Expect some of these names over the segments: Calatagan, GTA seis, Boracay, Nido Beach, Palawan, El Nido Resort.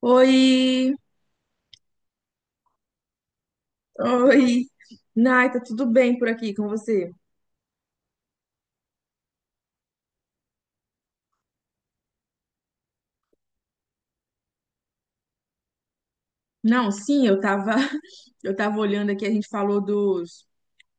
Oi, oi. Nai, tá tudo bem por aqui com você? Não, sim, eu tava, eu tava olhando aqui, a gente falou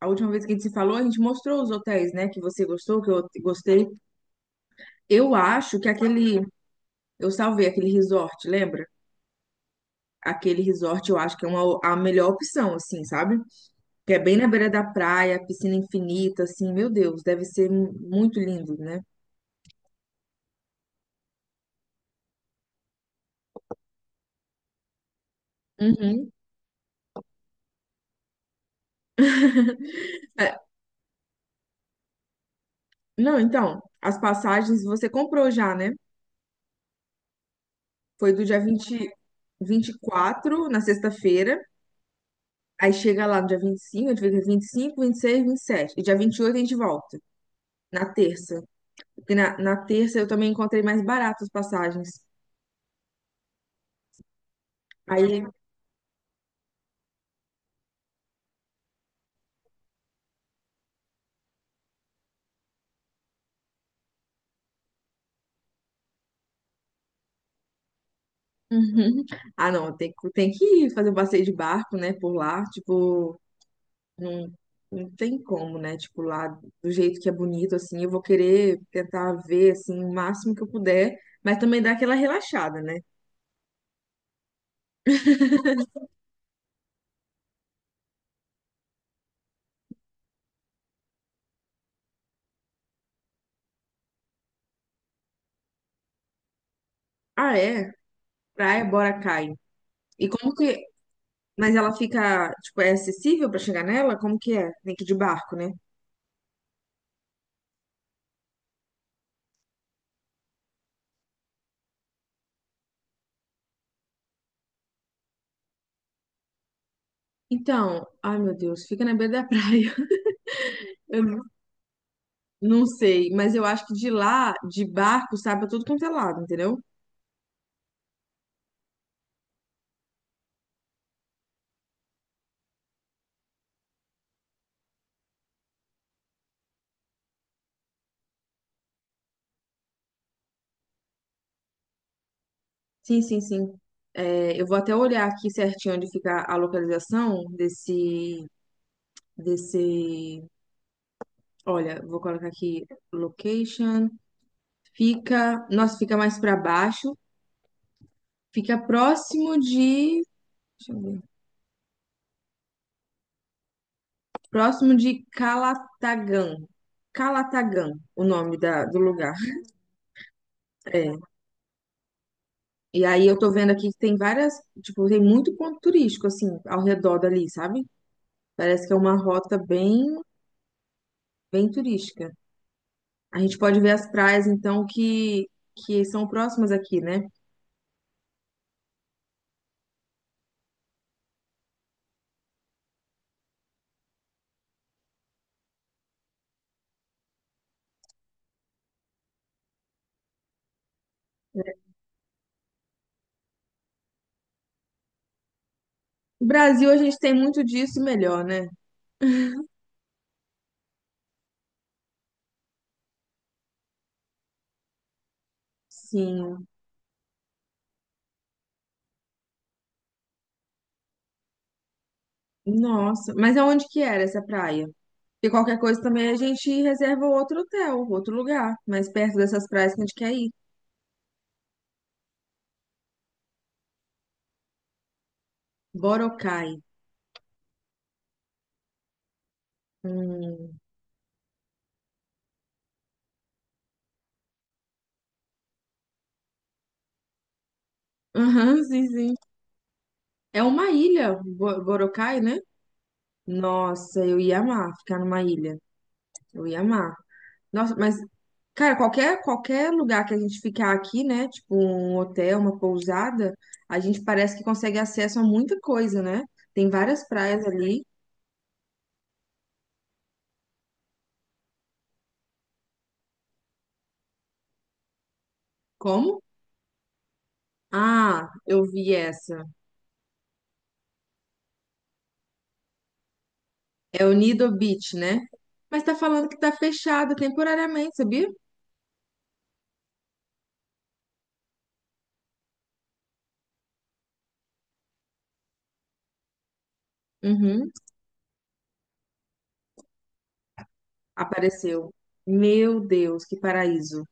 a última vez que a gente se falou, a gente mostrou os hotéis, né, que você gostou, que eu gostei. Eu acho que eu salvei aquele resort, lembra? Aquele resort eu acho que é a melhor opção, assim, sabe? Que é bem na beira da praia, piscina infinita, assim, meu Deus, deve ser muito lindo, né? Uhum. É, não, então, as passagens você comprou já, né? Foi do dia 24 na sexta-feira. Aí chega lá no dia 25, a gente fica 25, 26, 27, e dia 28, a gente volta, na terça. Porque na terça eu também encontrei mais barato as passagens. Aí, uhum. Ah, não, tem que ir fazer um passeio de barco, né, por lá. Tipo, não, não tem como, né? Tipo, lá do jeito que é bonito, assim. Eu vou querer tentar ver, assim, o máximo que eu puder. Mas também dá aquela relaxada, né? Ah, é? Praia, bora, cai. E como que Mas ela fica, tipo, é acessível pra chegar nela? Como que é? Tem que ir de barco, né? Então, ai meu Deus, fica na beira da praia. Eu não sei, mas eu acho que de lá, de barco, sabe, é tudo quanto é lado, entendeu? Sim, sim, sim. É, eu vou até olhar aqui certinho onde fica a localização desse. Olha, vou colocar aqui location. Fica, nossa, fica mais pra baixo. Fica próximo de. Deixa eu ver. Próximo de Calatagan. Calatagan, o nome da, do lugar. É. E aí eu tô vendo aqui que tem várias, tipo, tem muito ponto turístico, assim, ao redor dali, sabe? Parece que é uma rota bem, bem turística. A gente pode ver as praias, então, que são próximas aqui, né? No Brasil, a gente tem muito disso e melhor, né? Sim. Nossa. Mas aonde que era essa praia? Porque qualquer coisa também a gente reserva outro hotel, outro lugar, mais perto dessas praias que a gente quer ir. Boracay. Hum. Aham, sim, sim. É uma ilha, Boracay, né? Nossa, eu ia amar ficar numa ilha. Eu ia amar. Nossa, mas, cara, qualquer lugar que a gente ficar aqui, né? Tipo um hotel, uma pousada, a gente parece que consegue acesso a muita coisa, né? Tem várias praias ali. Como? Ah, eu vi essa. É o Nido Beach, né? Mas tá falando que tá fechado temporariamente, sabia? Uhum. Apareceu. Meu Deus, que paraíso.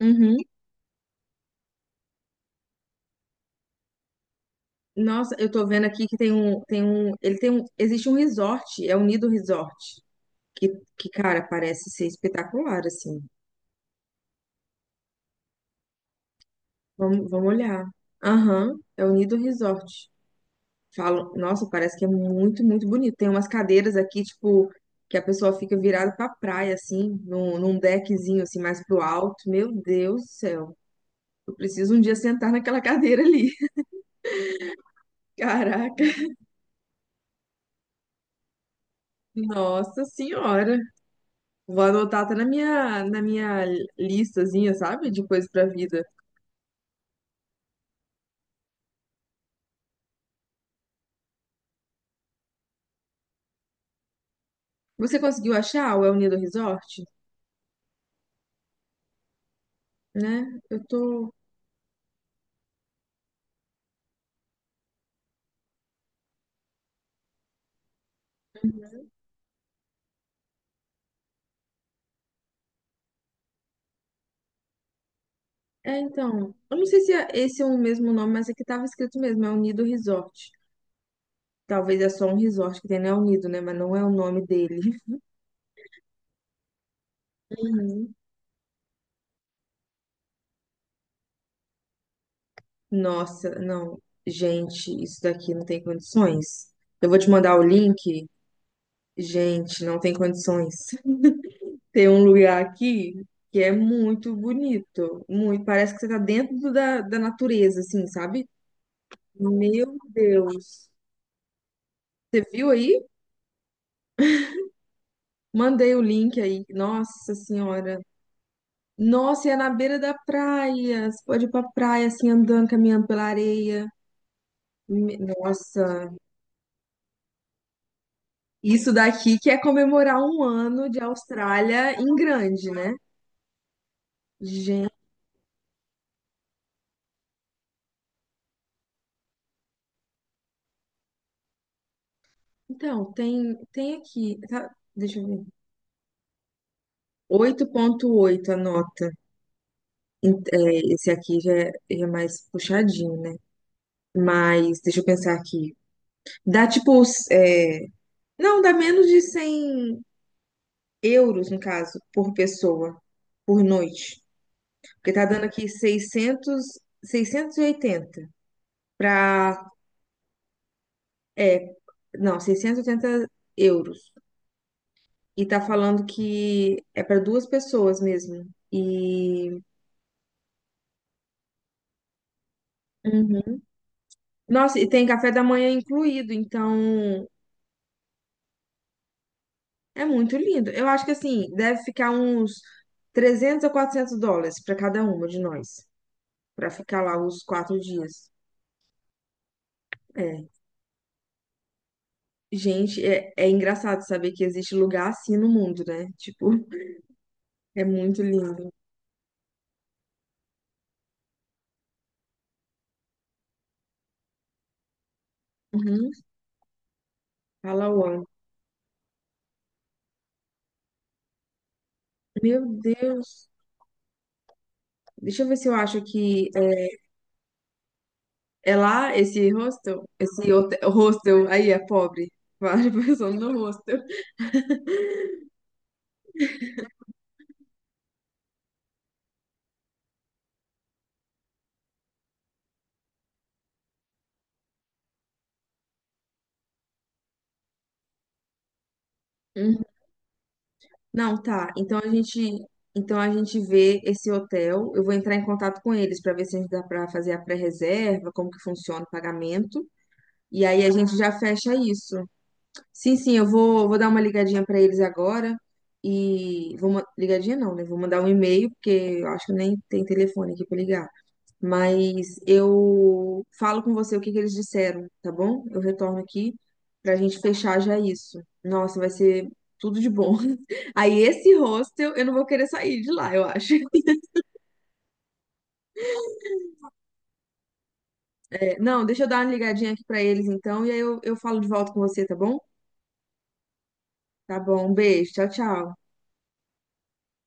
Uhum. Nossa, eu tô vendo aqui que tem um, ele tem um, existe um resort, é o Nido Resort, que, que, cara, parece ser espetacular, assim. Vamos, vamos olhar. Aham, é o Nido Resort. Falam, nossa, parece que é muito, muito bonito. Tem umas cadeiras aqui, tipo, que a pessoa fica virada pra praia, assim, num deckzinho, assim, mais pro alto. Meu Deus do céu, eu preciso um dia sentar naquela cadeira ali. Caraca. Nossa Senhora. Vou anotar até na minha listazinha, sabe? De coisas pra vida. Você conseguiu achar o El Nido Resort? Né? Eu tô. É, então. Eu não sei se esse é o mesmo nome, mas aqui tava escrito mesmo, El Nido Resort. Talvez é só um resort que tem no El Nido, né? Mas não é o nome dele. Uhum. Nossa, não. Gente, isso daqui não tem condições. Eu vou te mandar o link. Gente, não tem condições. Tem um lugar aqui que é muito bonito, muito, parece que você tá dentro da natureza, assim, sabe? Meu Deus. Você viu aí? Mandei o link aí. Nossa Senhora. Nossa, e é na beira da praia. Você pode ir pra praia, assim, andando, caminhando pela areia. Nossa, isso daqui que é comemorar um ano de Austrália em grande, né? Gente, então, tem aqui, tá? Deixa eu ver. 8,8 a nota. É, esse aqui já é, mais puxadinho, né? Mas deixa eu pensar aqui. Dá tipo. Não, dá menos de 100 euros, no caso, por pessoa, por noite. Porque tá dando aqui 680 para. É, não, 680 euros. E tá falando que é para duas pessoas mesmo. E. Uhum. Nossa, e tem café da manhã incluído, então. É muito lindo. Eu acho que assim, deve ficar uns 300 a 400 dólares para cada uma de nós, para ficar lá os 4 dias. É. Gente, é engraçado saber que existe lugar assim no mundo, né? Tipo, é muito lindo. Uhum. Palawan. Meu Deus. Deixa eu ver se eu acho que é lá esse hostel, esse hotel, hostel aí é pobre. Várias pessoas no hostel. Não, tá. Então a gente vê esse hotel. Eu vou entrar em contato com eles para ver se a gente dá para fazer a pré-reserva, como que funciona o pagamento. E aí a gente já fecha isso. Sim, sim, eu vou dar uma ligadinha para eles agora e vou ligadinha não, né? Vou mandar um e-mail porque eu acho que nem tem telefone aqui para ligar. Mas eu falo com você o que que eles disseram, tá bom? Eu retorno aqui pra gente fechar já isso. Nossa, vai ser tudo de bom. Aí esse hostel, eu não vou querer sair de lá, eu acho. É, não, deixa eu dar uma ligadinha aqui pra eles então, e aí eu falo de volta com você, tá bom? Tá bom, um beijo, tchau, tchau.